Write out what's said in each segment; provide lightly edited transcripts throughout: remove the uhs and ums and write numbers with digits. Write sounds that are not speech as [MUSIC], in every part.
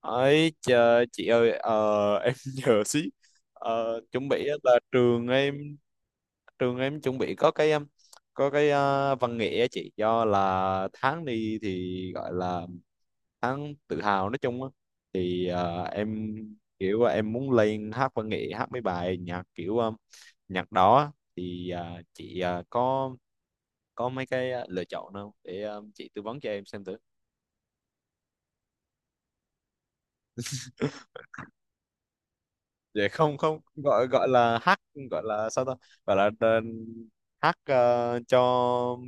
Ấy, chờ chị ơi, [LAUGHS] em nhờ xí. Chuẩn bị á là trường em, trường em chuẩn bị có cái văn nghệ á chị, do là tháng đi thì gọi là tháng tự hào nói chung á. Thì em kiểu là em muốn lên hát văn nghệ, hát mấy bài nhạc kiểu nhạc đó á. Thì chị có mấy cái lựa chọn nào để chị tư vấn cho em xem thử. Để không không gọi gọi là hát, gọi là sao ta, gọi là hack, cho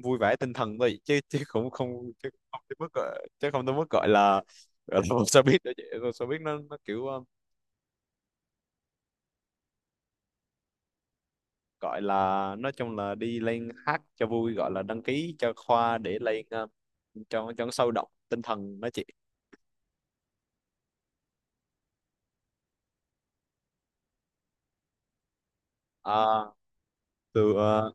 vui vẻ tinh thần thôi, chứ chứ cũng không, chứ không tới mức gọi là, gọi là một showbiz đó chị. Một showbiz nó kiểu gọi là, nói chung là đi lên hát cho vui, gọi là đăng ký cho khoa để lên cho nó sôi động tinh thần đó chị. Ờ, từ ờ,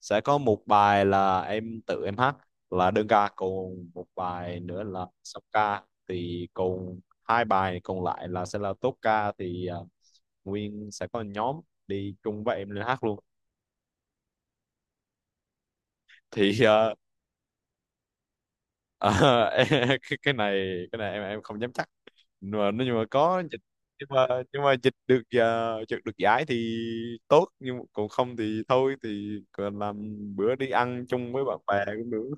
sẽ có một bài là em tự em hát, là đơn ca, còn một bài nữa là song ca. Thì còn 2 bài còn lại là sẽ là tốp ca, thì nguyên sẽ có nhóm đi chung với em lên hát luôn. Thì ờ, [LAUGHS] cái này, cái này em không dám chắc, nhưng mà nếu mà có dịch, nhưng mà nhưng mà dịch được được giải thì tốt, nhưng mà còn không thì thôi, thì còn làm bữa đi ăn chung với bạn bè cũng được.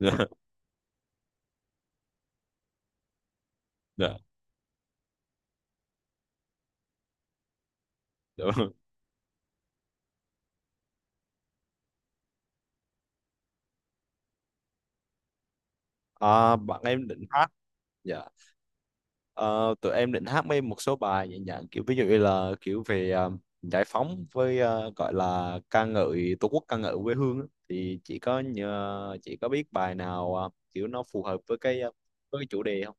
[LAUGHS] Dạ, dạ, dạ. À, bạn em định hát. Dạ. Ờ, Tụi em định hát một số bài nhẹ nhàng, kiểu ví dụ như là kiểu về giải phóng, với gọi là ca ngợi tổ quốc, ca ngợi quê hương á. Thì chị có biết bài nào kiểu nó phù hợp với cái với cái chủ đề không?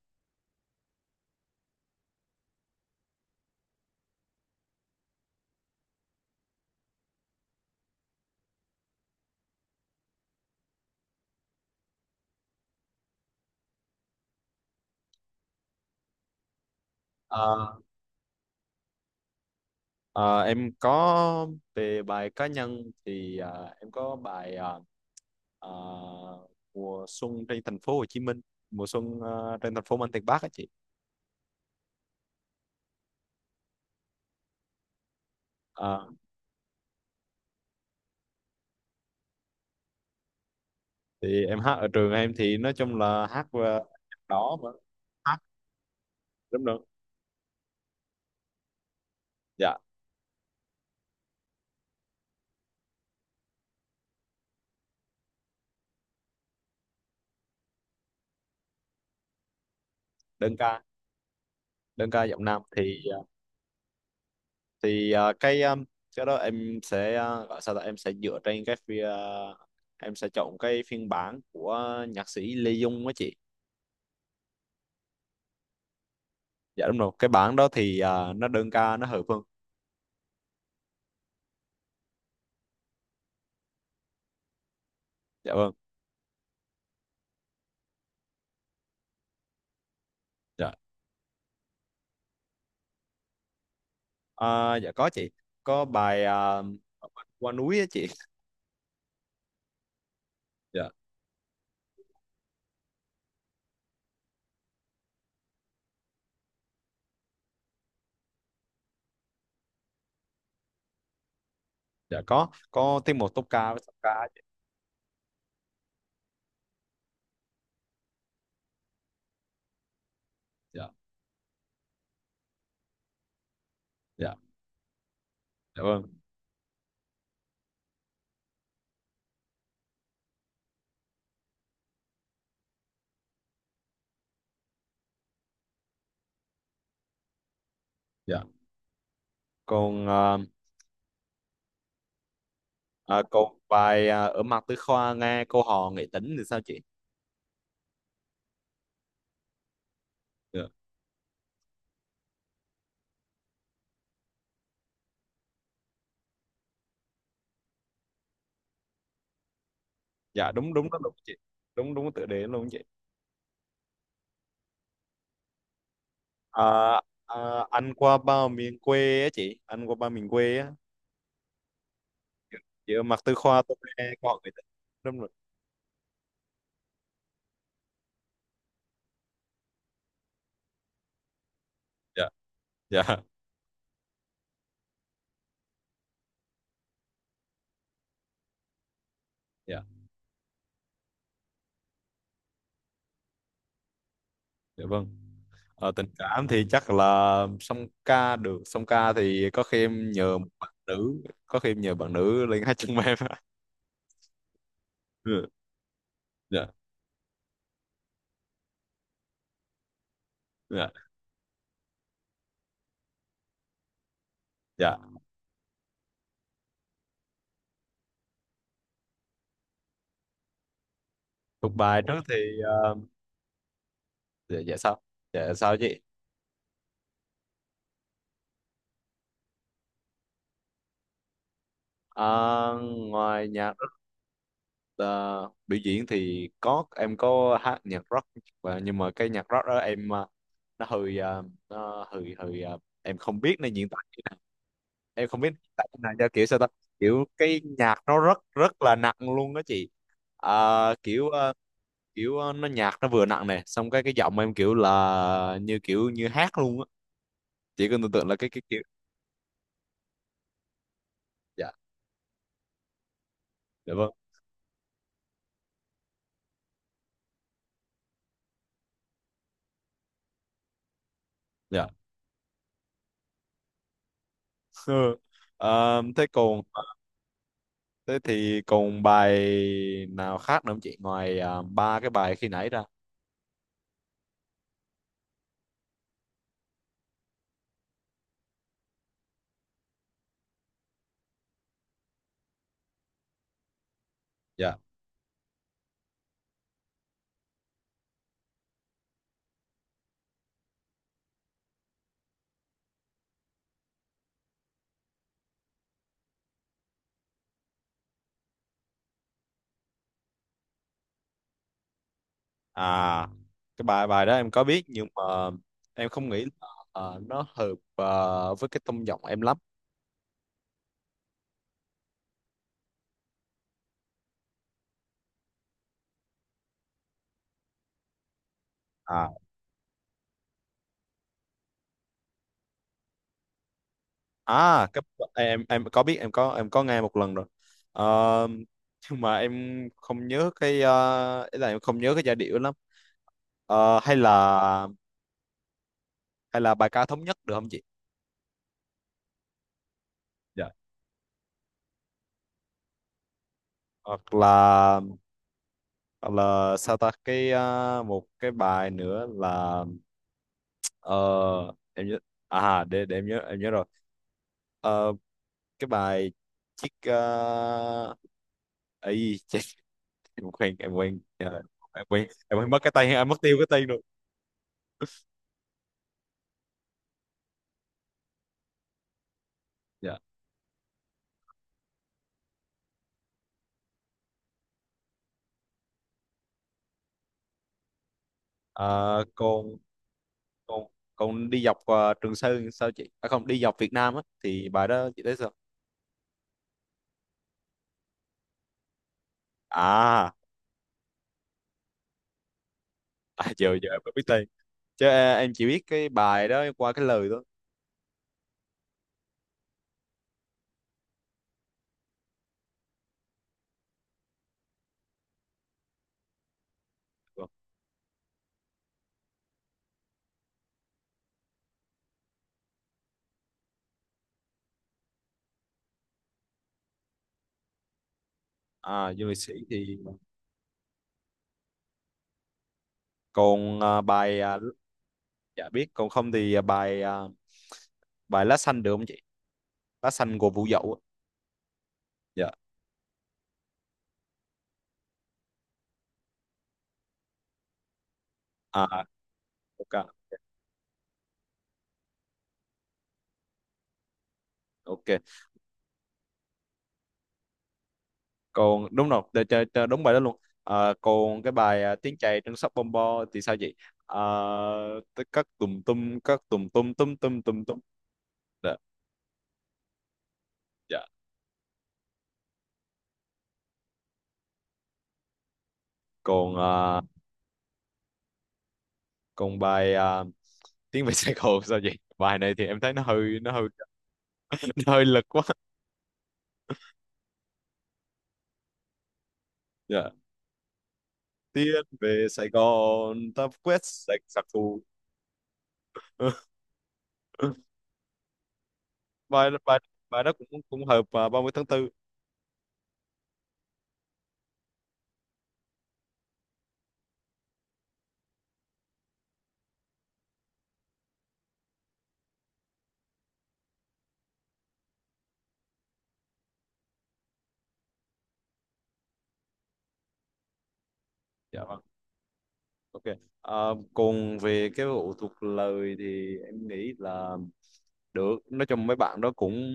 Ờ, ờ, em có. Về bài cá nhân thì em có bài ờ, mùa xuân trên thành phố Hồ Chí Minh, mùa xuân trên thành phố Mang Tiền Bắc á chị. Ờ, thì em hát ở trường em thì nói chung là hát đó mà, hát, đúng rồi. Dạ. Đơn ca. Đơn ca giọng nam thì cái cái đó em sẽ gọi sao, là em sẽ dựa trên em sẽ chọn cái phiên bản của nhạc sĩ Lê Dung á chị. Dạ đúng rồi, cái bản đó thì nó đơn ca nó hợp hơn. Dạ vâng. Dạ. Ờ, dạ có chị, có bài qua núi á chị. Dạ. Dạ, có tiết mục tốp ca với song ca á chị. Dạ. Dạ. Dạ vâng. Dạ. Còn bài "Ở mặt tư khoa nghe câu hò nghệ tính" thì sao chị? Dạ. Dạ, đúng đúng đó, đúng chị. Đúng đúng, tựa đề luôn chị. à, à, "Anh qua bao miền quê" á chị, "anh qua bao miền quê" á, "chị ở mặt tư khoa tôi nghe câu hò nghệ tính". Đúng rồi. Dạ. Dạ. Dạ dạ vâng. Tình cảm thì chắc là song ca được. Song ca thì có khi em nhờ một bạn nữ, có khi em nhờ bạn nữ lên hát chung với em. [LAUGHS] Ừ, dạ. Dạ. Dạ. Thuộc bài trước thì ờ, dạ, dạ sao? Dạ, sao chị? À, ngoài nhạc ờ, biểu diễn thì có, em có hát nhạc rock và nhưng mà cái nhạc rock đó em nó hơi nó hơi hơi em không biết nên diễn tả như nào, em không biết diễn tả như nào cho kiểu sao ta. Kiểu cái nhạc nó rất rất là nặng luôn đó chị. Ờ, kiểu ờ, kiểu nó nhạc nó vừa nặng này, xong cái giọng em kiểu là như kiểu như hát luôn á. Chị có tưởng tượng là cái kiểu. Dạ. Dạ vâng. Dạ. [LAUGHS] Ờ, Thế còn, thế thì còn bài nào khác nữa không chị, ngoài 3 cái bài khi nãy ra? Dạ. À, cái bài bài đó em có biết nhưng mà em không nghĩ là nó hợp với cái tông giọng em lắm. À. à cái, em có biết, em có nghe một lần rồi. Ờ, nhưng mà em không nhớ cái ý là em không nhớ cái giai điệu lắm. Ờ, hay là Hay là bài "Ca thống nhất" được không chị? Dạ. Hoặc là, Hoặc là sao ta, một cái bài nữa là ờ, em nhớ, à để em nhớ rồi. Ờ, cái bài chiếc, ấy chết, em quên. Trời, em quên mất cái tên, em mất tiêu cái tên rồi. Dạ. À, còn còn còn đi dọc Trường Sơn sao chị, không, đi dọc Việt Nam á, thì bài đó chị thấy sao? à, [LAUGHS] À, giờ giờ em mới biết tên, chứ em chỉ biết cái bài đó qua cái lời thôi. À du lịch sĩ thì, còn bài dạ biết, còn không thì bài bài "Lá xanh" được không chị, "Lá xanh" của Vũ Dậu á. Dạ. À, ok, ok, còn đúng rồi, để cho đúng bài đó luôn. Còn cái bài "Tiếng chày trên sóc Bom Bo" thì sao chị? à, các tùm tum, các tùm tum tum tum tum tum. Dạ. Dạ. Còn còn bài tiếng về Sài Gòn" sao chị? Bài này thì em thấy nó hơi, [LAUGHS] nó hơi lực quá. Dạ, "Tiến về Sài Gòn ta quét sạch giặc thù". [LAUGHS] bài bài bài đó cũng cũng hợp vào 30/4. Dạ vâng. Ok. à, Còn về cái vụ thuộc lời thì em nghĩ là được, nói chung mấy bạn đó cũng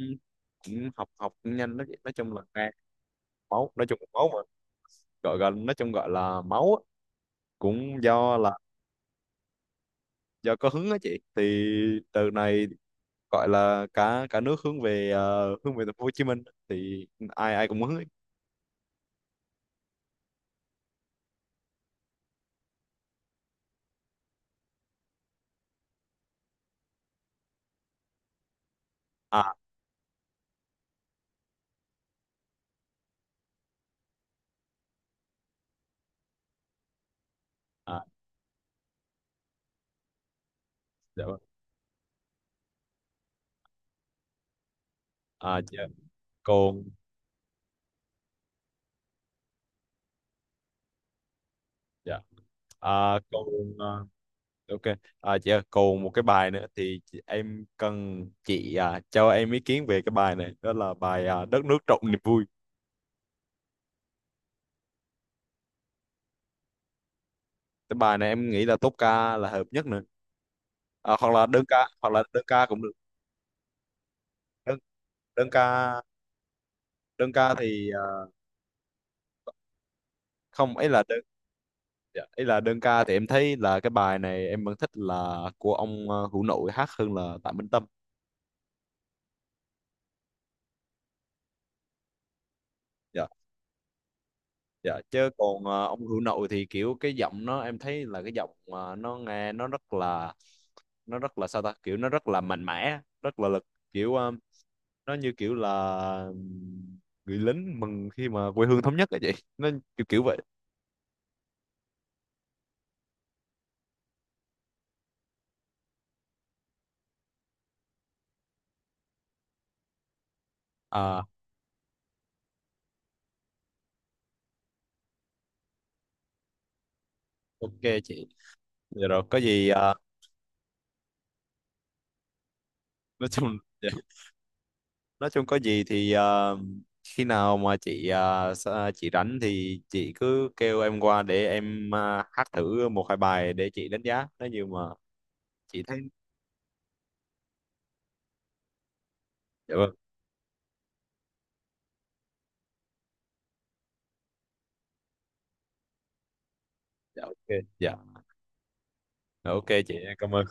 cũng học học cũng nhanh, nói chung là nghe. Máu, nói chung là máu mà. Gọi gần, nói chung gọi là máu á. Cũng do là, do có hứng á chị, thì từ này gọi là cả cả nước hướng về, hướng về thành phố Hồ Chí Minh, thì ai ai cũng hứng ấy. à à dạ. Dạ còn. Dạ. Còn. à, ok. Dạ, còn một cái bài nữa thì em cần chị cho em ý kiến về cái bài này, đó là bài "Đất nước trọn niềm vui". Cái bài này em nghĩ là tốp ca là hợp nhất nữa, hoặc là đơn ca, hoặc là đơn ca cũng được. Đơn đơn ca. Đơn ca thì không ấy là đơn. Dạ, ý là đơn ca thì em thấy là cái bài này em vẫn thích là của ông Hữu Nội hát hơn là Tạ Minh Tâm. Dạ. Dạ, chứ còn ông Hữu Nội thì kiểu cái giọng nó em thấy là cái giọng mà nó nghe nó rất là, nó rất là sao ta, kiểu nó rất là mạnh mẽ, rất là lực, kiểu nó như kiểu là ừm, người lính mừng khi mà quê hương thống nhất ấy chị, nó kiểu kiểu vậy. À, ok chị. Dạ rồi, có gì nói chung dạ, nói chung có gì thì khi nào mà chị chị rảnh thì chị cứ kêu em qua để em hát thử một hai bài để chị đánh giá, nếu như mà chị thấy. Dạ vâng. Dạ ok. Dạ. Dạ, ok chị, em cảm ơn.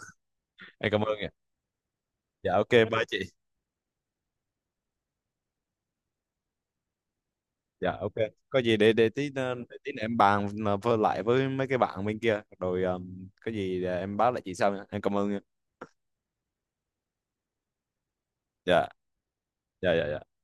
Em cảm ơn ạ. Dạ ok ba chị. Dạ ok. Có gì để tí, để tí nữa em bàn mà với mấy cái bạn bên kia, rồi có gì em báo lại chị sau nha, em cảm ơn nha. Dạ, dạ, dạ, dạ.